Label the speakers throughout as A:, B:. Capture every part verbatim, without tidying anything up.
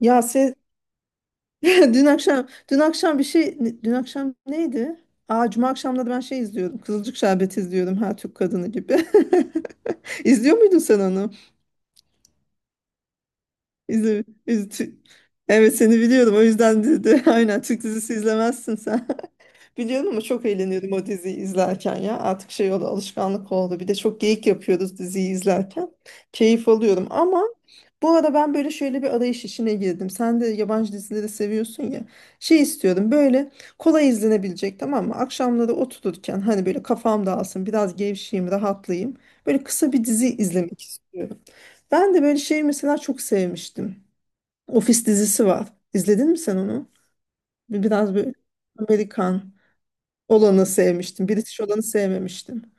A: Ya siz, dün akşam dün akşam bir şey, dün akşam neydi? Aa, Cuma akşamları ben şey izliyordum. Kızılcık Şerbeti izliyordum her Türk kadını gibi. İzliyor muydun sen onu? İzle, iz- tü- evet seni biliyorum o yüzden dedi. Aynen, Türk dizisi izlemezsin. Biliyorum ama çok eğleniyordum o diziyi izlerken ya. Artık şey oldu, alışkanlık oldu. Bir de çok geyik yapıyoruz diziyi izlerken. Keyif alıyorum ama bu arada ben böyle şöyle bir arayış işine girdim. Sen de yabancı dizileri seviyorsun ya. Şey istiyorum, böyle kolay izlenebilecek, tamam mı? Akşamları otururken hani böyle kafam dağılsın, biraz gevşeyim, rahatlayayım. Böyle kısa bir dizi izlemek istiyorum. Ben de böyle şey mesela çok sevmiştim. Ofis dizisi var. İzledin mi sen onu? Biraz böyle Amerikan olanı sevmiştim. British olanı sevmemiştim.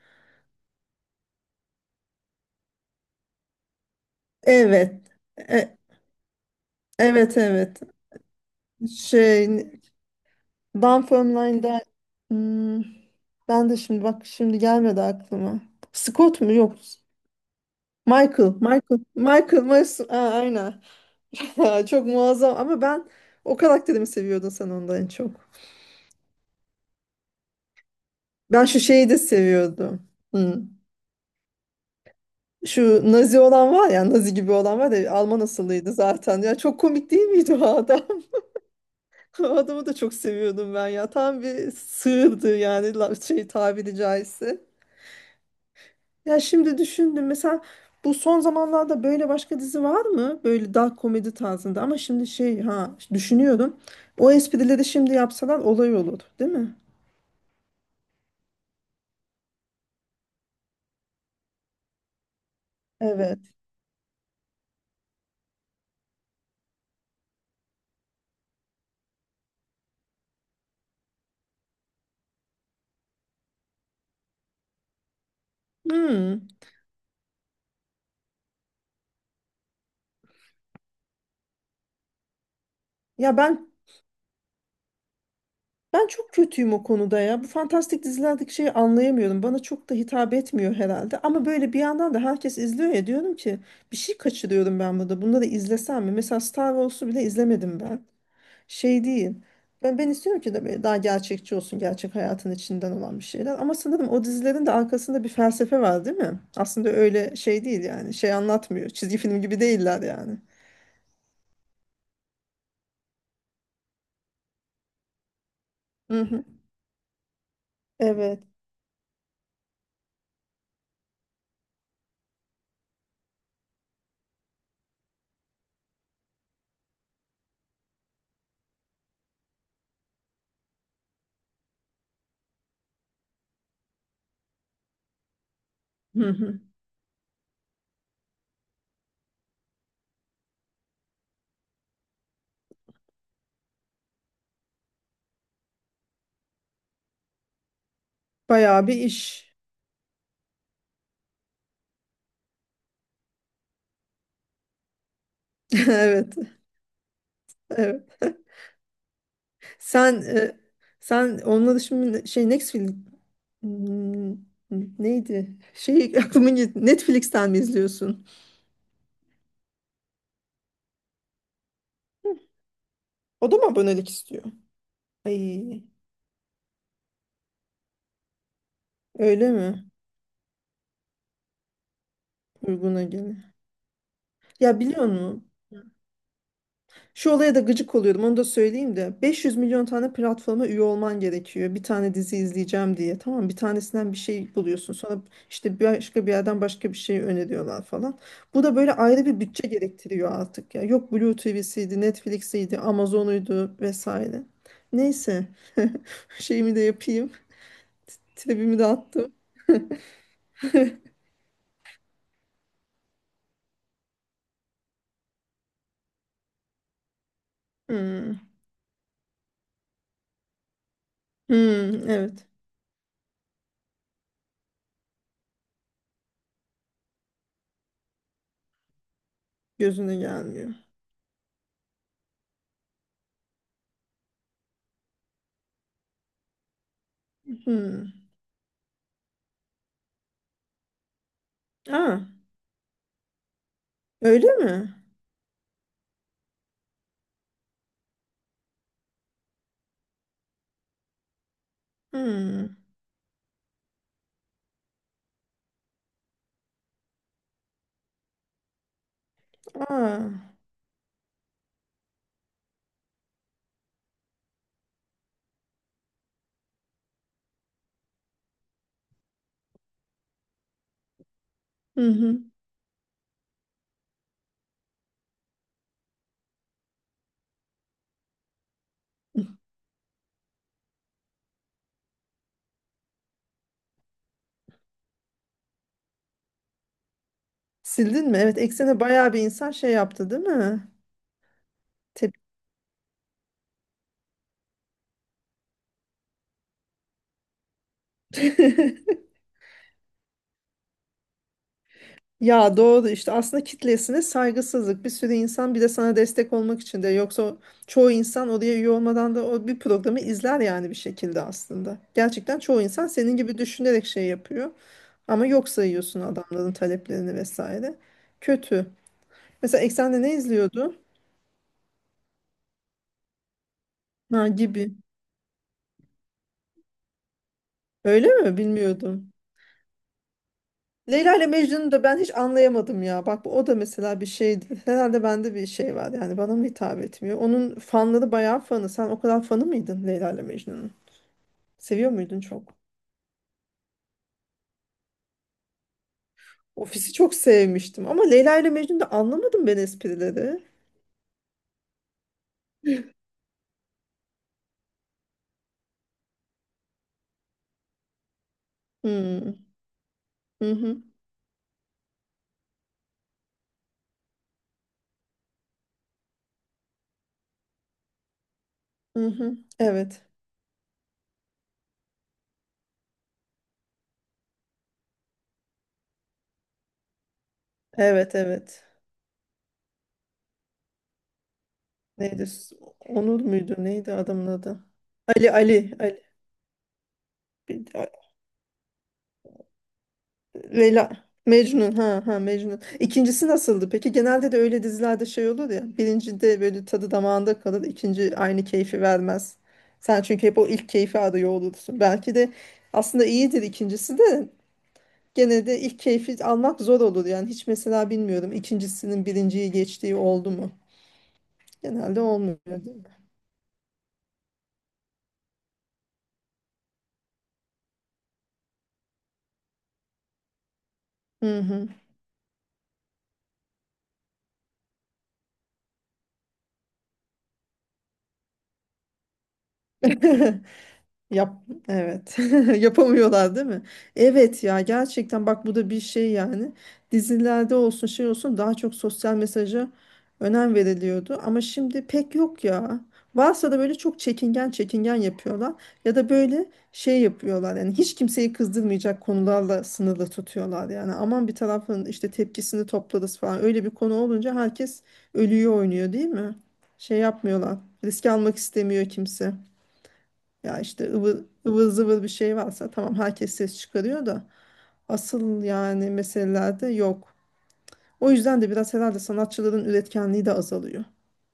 A: Evet. E- evet, evet. Şey, Dunfermline'da, hmm, ben de şimdi bak, şimdi gelmedi aklıma. Scott mu? Yok. Michael. Michael. Michael. Myers- Aa, aynen. Çok muazzam ama ben o karakterimi seviyordun sen ondan en çok. Ben şu şeyi de seviyordum. Hmm. Şu Nazi olan var ya, Nazi gibi olan var ya, Alman asıllıydı zaten. Ya çok komik değil miydi o adam? O adamı da çok seviyordum ben ya. Tam bir sığırdı yani, la- şey, tabiri caizse. Ya şimdi düşündüm mesela, bu son zamanlarda böyle başka dizi var mı? Böyle dark komedi tarzında, ama şimdi şey, ha, düşünüyorum. O esprileri şimdi yapsalar olay olur, değil mi? Evet. Hmm. Ya ben Ben çok kötüyüm o konuda ya. Bu fantastik dizilerdeki şeyi anlayamıyorum. Bana çok da hitap etmiyor herhalde. Ama böyle bir yandan da herkes izliyor ya, diyorum ki bir şey kaçırıyorum ben burada. Bunları izlesem mi? Mesela Star Wars'u bile izlemedim ben. Şey değil. Ben, ben istiyorum ki de böyle daha gerçekçi olsun. Gerçek hayatın içinden olan bir şeyler. Ama sanırım o dizilerin de arkasında bir felsefe var, değil mi? Aslında öyle şey değil yani. Şey anlatmıyor. Çizgi film gibi değiller yani. Hı hı. Evet. Hı hı. Bayağı bir iş. Evet. Evet. Sen e, sen onunla da şimdi şey Netflix, Hmm, neydi? Şey aklıma gitti. Netflix'ten mi izliyorsun? O da mı abonelik istiyor? Ay, öyle mi? Uyguna göre. Ya biliyor musun? Şu olaya da gıcık oluyordum, onu da söyleyeyim de, beş yüz milyon tane platforma üye olman gerekiyor bir tane dizi izleyeceğim diye. Tamam, bir tanesinden bir şey buluyorsun, sonra işte başka bir yerden başka bir şey öneriyorlar falan. Bu da böyle ayrı bir bütçe gerektiriyor artık ya, yok Blue T V'siydi, Netflix'iydi, Amazon'uydu vesaire. Neyse, şeyimi de yapayım, tribimi de attım. Hmm. Hmm, evet, gözüne gelmiyor. Hmm. Aa, öyle mi? Hmm. Aa. Hı hı. Sildin mi? Evet, Eksen'e bayağı bir insan şey yaptı, değil mi? Tep- Ya doğru, işte aslında kitlesine saygısızlık. Bir sürü insan bir de sana destek olmak için de, yoksa o- çoğu insan oraya üye olmadan da o bir programı izler yani, bir şekilde aslında. Gerçekten çoğu insan senin gibi düşünerek şey yapıyor. Ama yok sayıyorsun adamların taleplerini vesaire. Kötü. Mesela Eksen'de ne izliyordu? Ha, Gibi. Öyle mi? Bilmiyordum. Leyla ile Mecnun'u da ben hiç anlayamadım ya. Bak, bu- o da mesela bir şeydi. Herhalde bende bir şey var, yani bana mı hitap etmiyor? Onun fanları bayağı fanı. Sen o kadar fanı mıydın Leyla ile Mecnun'un? Seviyor muydun çok? Ofisi çok sevmiştim ama Leyla ile Mecnun'da anlamadım ben esprileri. Hmm. Hı hı. Hı hı. Evet. Evet, evet. Neydi? Onur muydu? Neydi adamın adı? Ali. Ali. Ali. Leyla, Mecnun, ha, ha, Mecnun. İkincisi nasıldı? Peki, genelde de öyle dizilerde şey olur ya. Birincide böyle tadı damağında kalır, ikinci aynı keyfi vermez. Sen çünkü hep o ilk keyfi arıyor olursun. Belki de aslında iyidir ikincisi de, gene de ilk keyfi almak zor olur yani. Hiç mesela, bilmiyorum, ikincisinin birinciyi geçtiği oldu mu? Genelde olmuyor, değil mi? Hı hı. Yap, evet. Yapamıyorlar değil mi? Evet ya, gerçekten bak bu da bir şey yani. Dizilerde olsun şey olsun daha çok sosyal mesaja önem veriliyordu ama şimdi pek yok ya. Varsa da böyle çok çekingen çekingen yapıyorlar, ya da böyle şey yapıyorlar yani, hiç kimseyi kızdırmayacak konularla sınırlı tutuyorlar. Yani, aman bir tarafın işte tepkisini toplarız falan, öyle bir konu olunca herkes ölüyor, oynuyor, değil mi? Şey yapmıyorlar, riske almak istemiyor kimse. Ya işte ıvır, ıvır zıvır bir şey varsa tamam, herkes ses çıkarıyor da asıl yani meselelerde yok. O yüzden de biraz herhalde sanatçıların üretkenliği de azalıyor.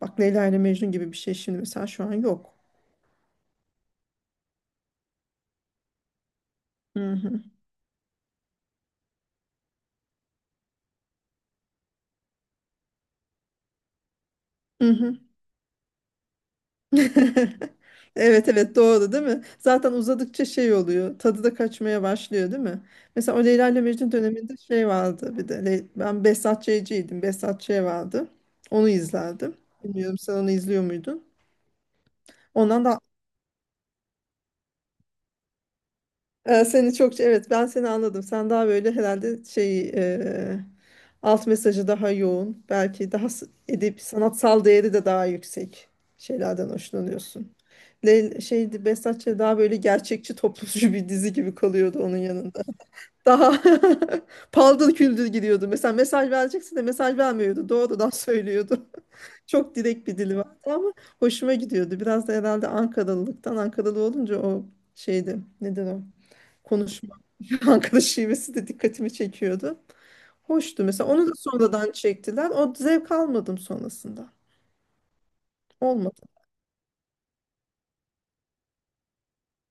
A: Bak, Leyla ile Mecnun gibi bir şey şimdi mesela şu an yok. Hı hı. Hı hı. Evet, evet, doğru değil mi? Zaten uzadıkça şey oluyor. Tadı da kaçmaya başlıyor, değil mi? Mesela o Leyla ile Mecnun döneminde şey vardı bir de. Le- Ben Behzat Ç'ciydim. Behzat Ç vardı. Onu izlerdim. Bilmiyorum, sen onu izliyor muydun? Ondan da Ee, seni çok, evet, ben seni anladım. Sen daha böyle herhalde şey, e, alt mesajı daha yoğun. Belki daha s- edip sanatsal değeri de daha yüksek şeylerden hoşlanıyorsun. Leyl şeydi, Behzatçı daha böyle gerçekçi, toplumcu bir dizi gibi kalıyordu onun yanında. Daha paldır küldür gidiyordu. Mesela mesaj verecekse de mesaj vermiyordu, doğrudan söylüyordu. Çok direkt bir dili vardı ama hoşuma gidiyordu. Biraz da herhalde Ankaralılıktan, Ankaralı olunca o şeydi. Nedir o? Konuşma, arkadaş şivesi de dikkatimi çekiyordu. Hoştu mesela. Onu da sonradan çektiler. O zevk almadım sonrasında. Olmadı.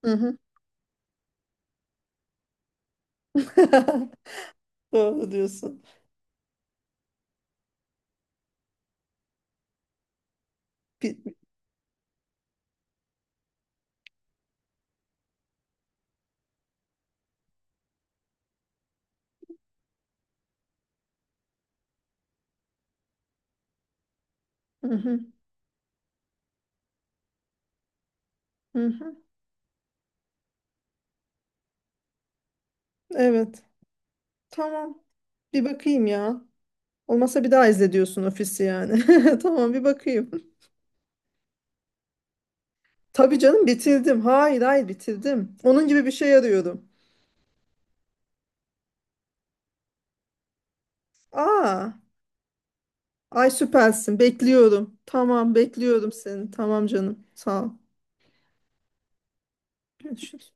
A: Hı hı. Doğru diyorsun. Bir, hı hı, hı hı. Evet. Tamam. Bir bakayım ya. Olmasa bir daha izle diyorsun Ofis'i yani. Tamam, bir bakayım. Tabii canım, bitirdim. Hayır, hayır, bitirdim. Onun gibi bir şey arıyorum. Aa, ay, süpersin. Bekliyorum. Tamam, bekliyorum seni. Tamam canım. Sağ ol. Görüşürüz.